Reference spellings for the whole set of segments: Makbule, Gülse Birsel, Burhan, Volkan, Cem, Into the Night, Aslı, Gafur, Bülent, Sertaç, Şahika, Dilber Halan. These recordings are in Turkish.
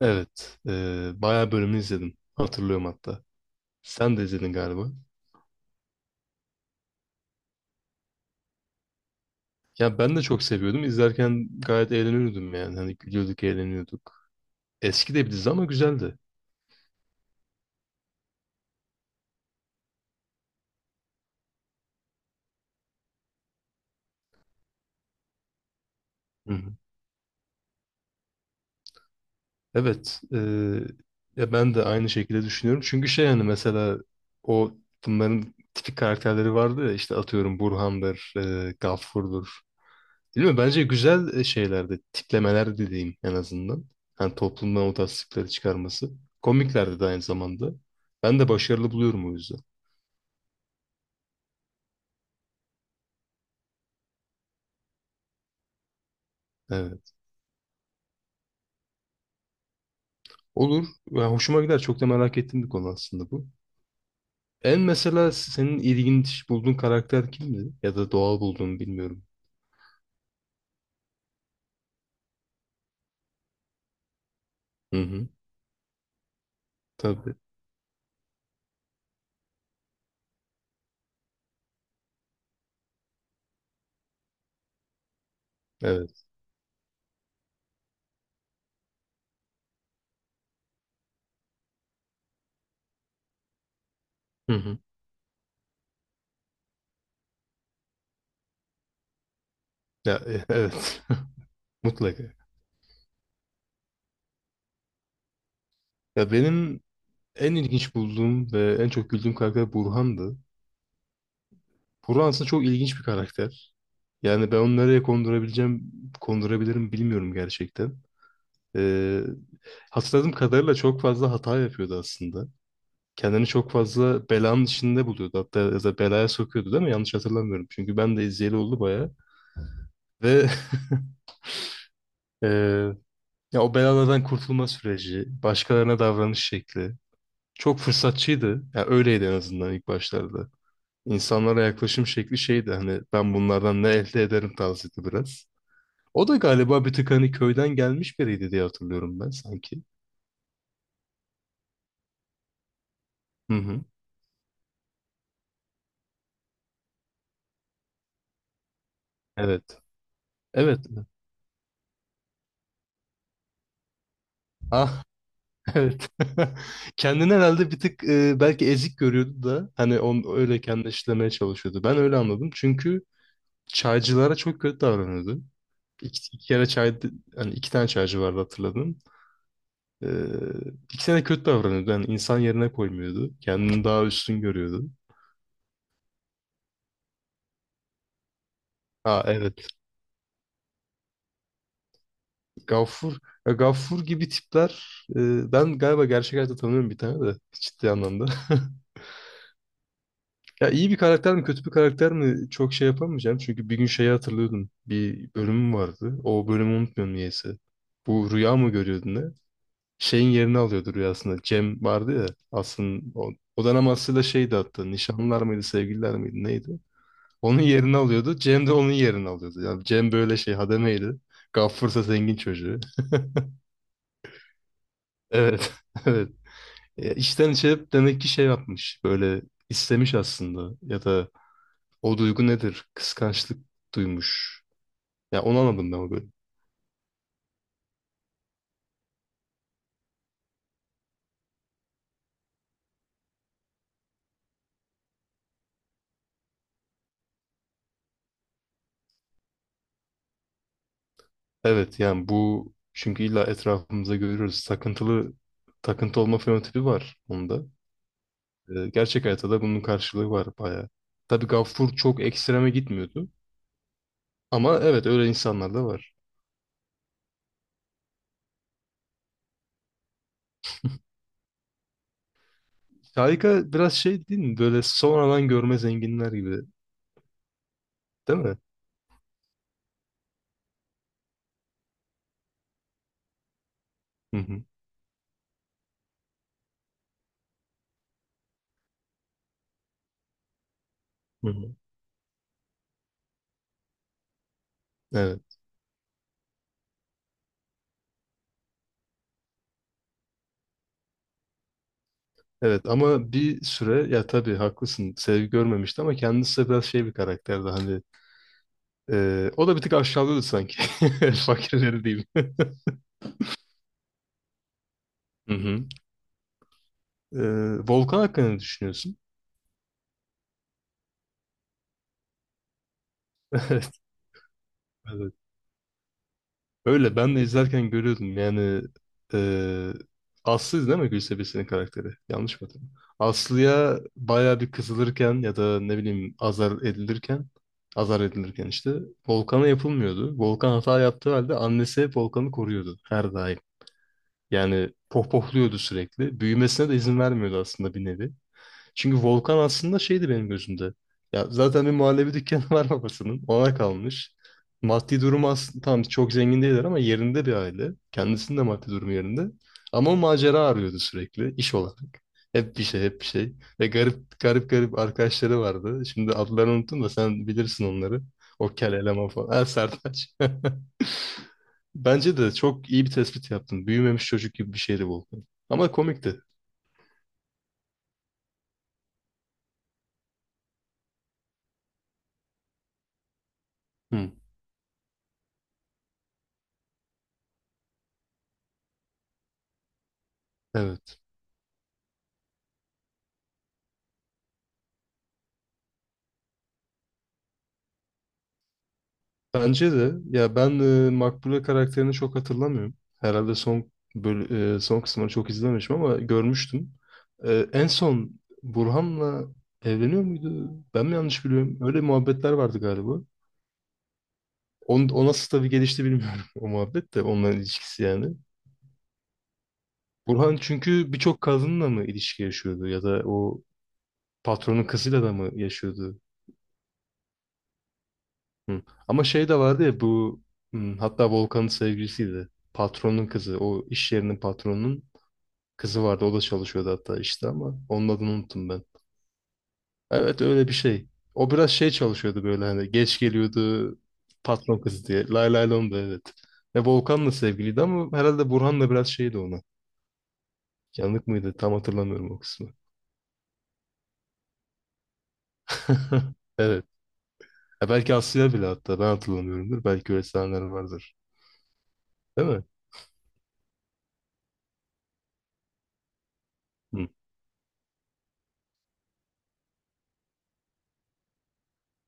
Evet. Bayağı bölümünü izledim. Hatırlıyorum hatta. Sen de izledin galiba. Ya ben de çok seviyordum. İzlerken gayet eğleniyordum yani. Hani gülüyorduk, eğleniyorduk. Eski de bir dizi ama güzeldi. Hı hı. Evet. Ya ben de aynı şekilde düşünüyorum. Çünkü şey hani mesela o bunların tipik karakterleri vardı ya işte atıyorum Burhan'dır, Gafur'dur. Değil mi? Bence güzel şeylerde, tiplemeler dediğim en azından. Hani toplumdan o tasdikleri çıkarması. Komiklerdi de aynı zamanda. Ben de başarılı buluyorum o yüzden. Evet. Olur. Ya hoşuma gider. Çok da merak ettiğim bir konu aslında bu. En mesela senin ilginç bulduğun karakter kimdi? Ya da doğal bulduğun bilmiyorum. Hı hı. Tabii. Evet. Hı hı. Ya, evet. Mutlaka. Ya benim en ilginç bulduğum ve en çok güldüğüm karakter Burhan'dı. Burhan aslında çok ilginç bir karakter. Yani ben onu nereye kondurabileceğim, kondurabilirim bilmiyorum gerçekten. Ee, Hatırladığım kadarıyla çok fazla hata yapıyordu aslında. Kendini çok fazla belanın içinde buluyordu. Hatta ya da belaya sokuyordu değil mi? Yanlış hatırlamıyorum. Çünkü ben de izleyeli oldu bayağı. Ve e, ya o belalardan kurtulma süreci, başkalarına davranış şekli çok fırsatçıydı. Ya öyleydi en azından ilk başlarda. İnsanlara yaklaşım şekli şeydi hani ben bunlardan ne elde ederim tarzıydı biraz. O da galiba bir tık hani köyden gelmiş biriydi diye hatırlıyorum ben sanki. Hı hı. Evet. Evet. Ah evet. Kendini herhalde bir tık belki ezik görüyordu da hani onu öyle kendine işlemeye çalışıyordu. Ben öyle anladım. Çünkü çaycılara çok kötü davranıyordu. İki kere çay hani iki tane çaycı vardı hatırladım. Ee, ikisine de kötü davranıyordu. Yani insan yerine koymuyordu. Kendini daha üstün görüyordu. Ha evet. Gaffur, ya Gaffur gibi tipler ben galiba gerçek hayatta tanıyorum bir tane de ciddi anlamda. Ya iyi bir karakter mi kötü bir karakter mi çok şey yapamayacağım. Çünkü bir gün şeyi hatırlıyordum. Bir bölümüm vardı. O bölümü unutmuyorum niyeyse. Bu rüya mı görüyordun ne? Şeyin yerini alıyordu rüyasında. Cem vardı ya aslında o dönem aslında şeydi hatta nişanlılar mıydı sevgililer miydi neydi? Onun yerini alıyordu. Cem de onun yerini alıyordu. Yani Cem böyle şey hademeydi. Gaffur ise zengin çocuğu. Evet. Evet. Ya içten içe hep demek ki şey yapmış. Böyle istemiş aslında. Ya da o duygu nedir? Kıskançlık duymuş. Ya onu anladım ben o bölüm. Evet yani bu çünkü illa etrafımızda görüyoruz. Takıntılı takıntı olma fenotipi var onda. Gerçek hayatta da bunun karşılığı var bayağı. Tabii Gaffur çok ekstreme gitmiyordu. Ama evet öyle insanlar da var. Şahika biraz şey değil mi? Böyle sonradan görme zenginler gibi. Değil mi? Hı hı. Hı hı. Evet. Evet ama bir süre ya tabii haklısın sevgi görmemişti ama kendisi de biraz şey bir karakterdi hani o da bir tık aşağılıyordu sanki fakirleri diyeyim. Hı hı. E, Volkan hakkında ne düşünüyorsun? Evet, evet. Öyle ben de izlerken görüyordum yani e, Aslı değil mi Gülse Birsel'in karakteri? Yanlış mı hatırlıyorum? Aslı'ya bayağı bir kızılırken ya da ne bileyim azar edilirken azar edilirken işte Volkan'a yapılmıyordu. Volkan hata yaptığı halde annesi hep Volkan'ı koruyordu her daim. Yani pohpohluyordu sürekli. Büyümesine de izin vermiyordu aslında bir nevi. Çünkü Volkan aslında şeydi benim gözümde. Ya zaten bir muhallebi dükkanı var babasının. Ona kalmış. Maddi durumu aslında tam çok zengin değiller ama yerinde bir aile. Kendisinin de maddi durumu yerinde. Ama o macera arıyordu sürekli iş olarak. Hep bir şey, hep bir şey. Ve garip garip garip arkadaşları vardı. Şimdi adlarını unuttum da sen bilirsin onları. O kel eleman falan. Ha, Sertaç. Bence de çok iyi bir tespit yaptın. Büyümemiş çocuk gibi bir şeydi Volkan. Ama komikti. Hı. Evet. Bence de ya ben Makbule karakterini çok hatırlamıyorum. Herhalde son kısmını çok izlememişim ama görmüştüm. En son Burhan'la evleniyor muydu? Ben mi yanlış biliyorum? Öyle muhabbetler vardı galiba. O nasıl tabii gelişti bilmiyorum o muhabbet de onların ilişkisi yani. Burhan çünkü birçok kadınla mı ilişki yaşıyordu ya da o patronun kızıyla da mı yaşıyordu? Hı. Ama şey de vardı ya bu hatta Volkan'ın sevgilisiydi. Patronun kızı. O iş yerinin patronunun kızı vardı. O da çalışıyordu hatta işte ama onun adını unuttum ben. Evet öyle bir şey. O biraz şey çalışıyordu böyle hani geç geliyordu patron kızı diye. Lay lay lon da evet. Ve Volkan'la sevgiliydi ama herhalde Burhan'la biraz şeydi ona. Yanık mıydı? Tam hatırlamıyorum o kısmı. Evet. Ya belki Aslı'ya bile hatta ben hatırlamıyorumdur. Belki öyle sahneler vardır. Değil mi? Hı.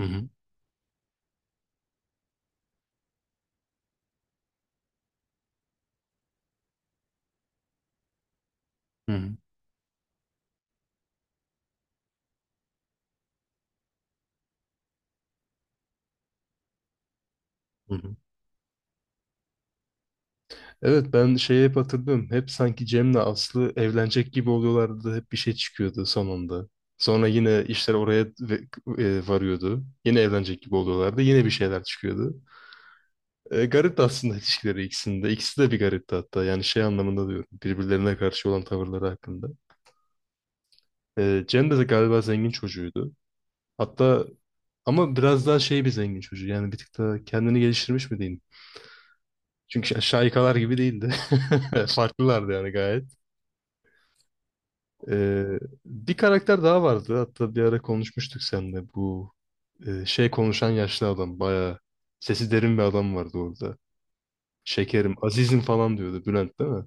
Hı hı. Hı hı. Hı. Evet ben şeyi hep hatırlıyorum. Hep sanki Cem'le Aslı evlenecek gibi oluyorlardı. Hep bir şey çıkıyordu sonunda. Sonra yine işler oraya varıyordu. Yine evlenecek gibi oluyorlardı. Yine bir şeyler çıkıyordu. Garipti aslında ilişkileri ikisinde. İkisi de bir garipti hatta. Yani şey anlamında diyorum. Birbirlerine karşı olan tavırları hakkında. Cem de galiba zengin çocuğuydu. Hatta ama biraz daha şey bir zengin çocuğu. Yani bir tık daha kendini geliştirmiş mi diyeyim. Çünkü şaikalar gibi değildi. Farklılardı yani gayet. Ee, Bir karakter daha vardı. Hatta bir ara konuşmuştuk seninle. Bu şey konuşan yaşlı adam. Bayağı sesi derin bir adam vardı orada. Şekerim, azizim falan diyordu Bülent değil mi?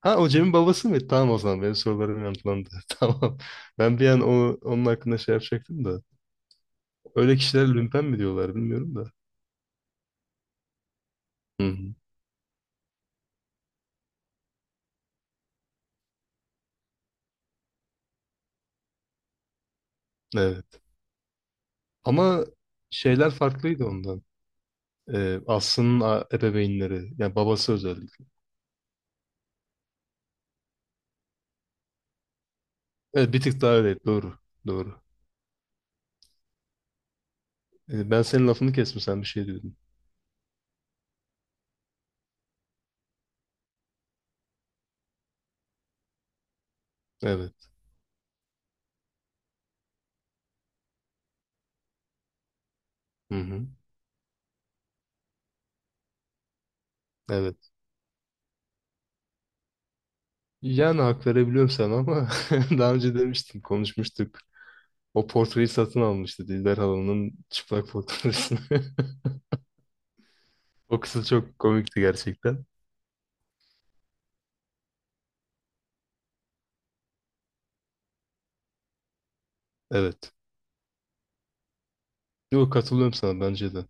Ha o Cem'in babası mı? Tamam o zaman benim sorularım yanıtlandı. Tamam. Ben bir an onun hakkında şey yapacaktım da. Öyle kişiler lümpen mi diyorlar bilmiyorum da. Hı hı. Evet. Ama şeyler farklıydı ondan. Aslı'nın ebeveynleri. Yani babası özellikle. Evet bir tık daha öyle. Doğru. Doğru. Ben senin lafını kestim sen bir şey diyordun. Evet. Hı hı. Evet. Yani hak verebiliyorum sana ama daha önce demiştim konuşmuştuk. O portreyi satın almıştı Dilber Halan'ın çıplak portresini. O kısım çok komikti gerçekten. Evet. Yok katılıyorum sana bence de.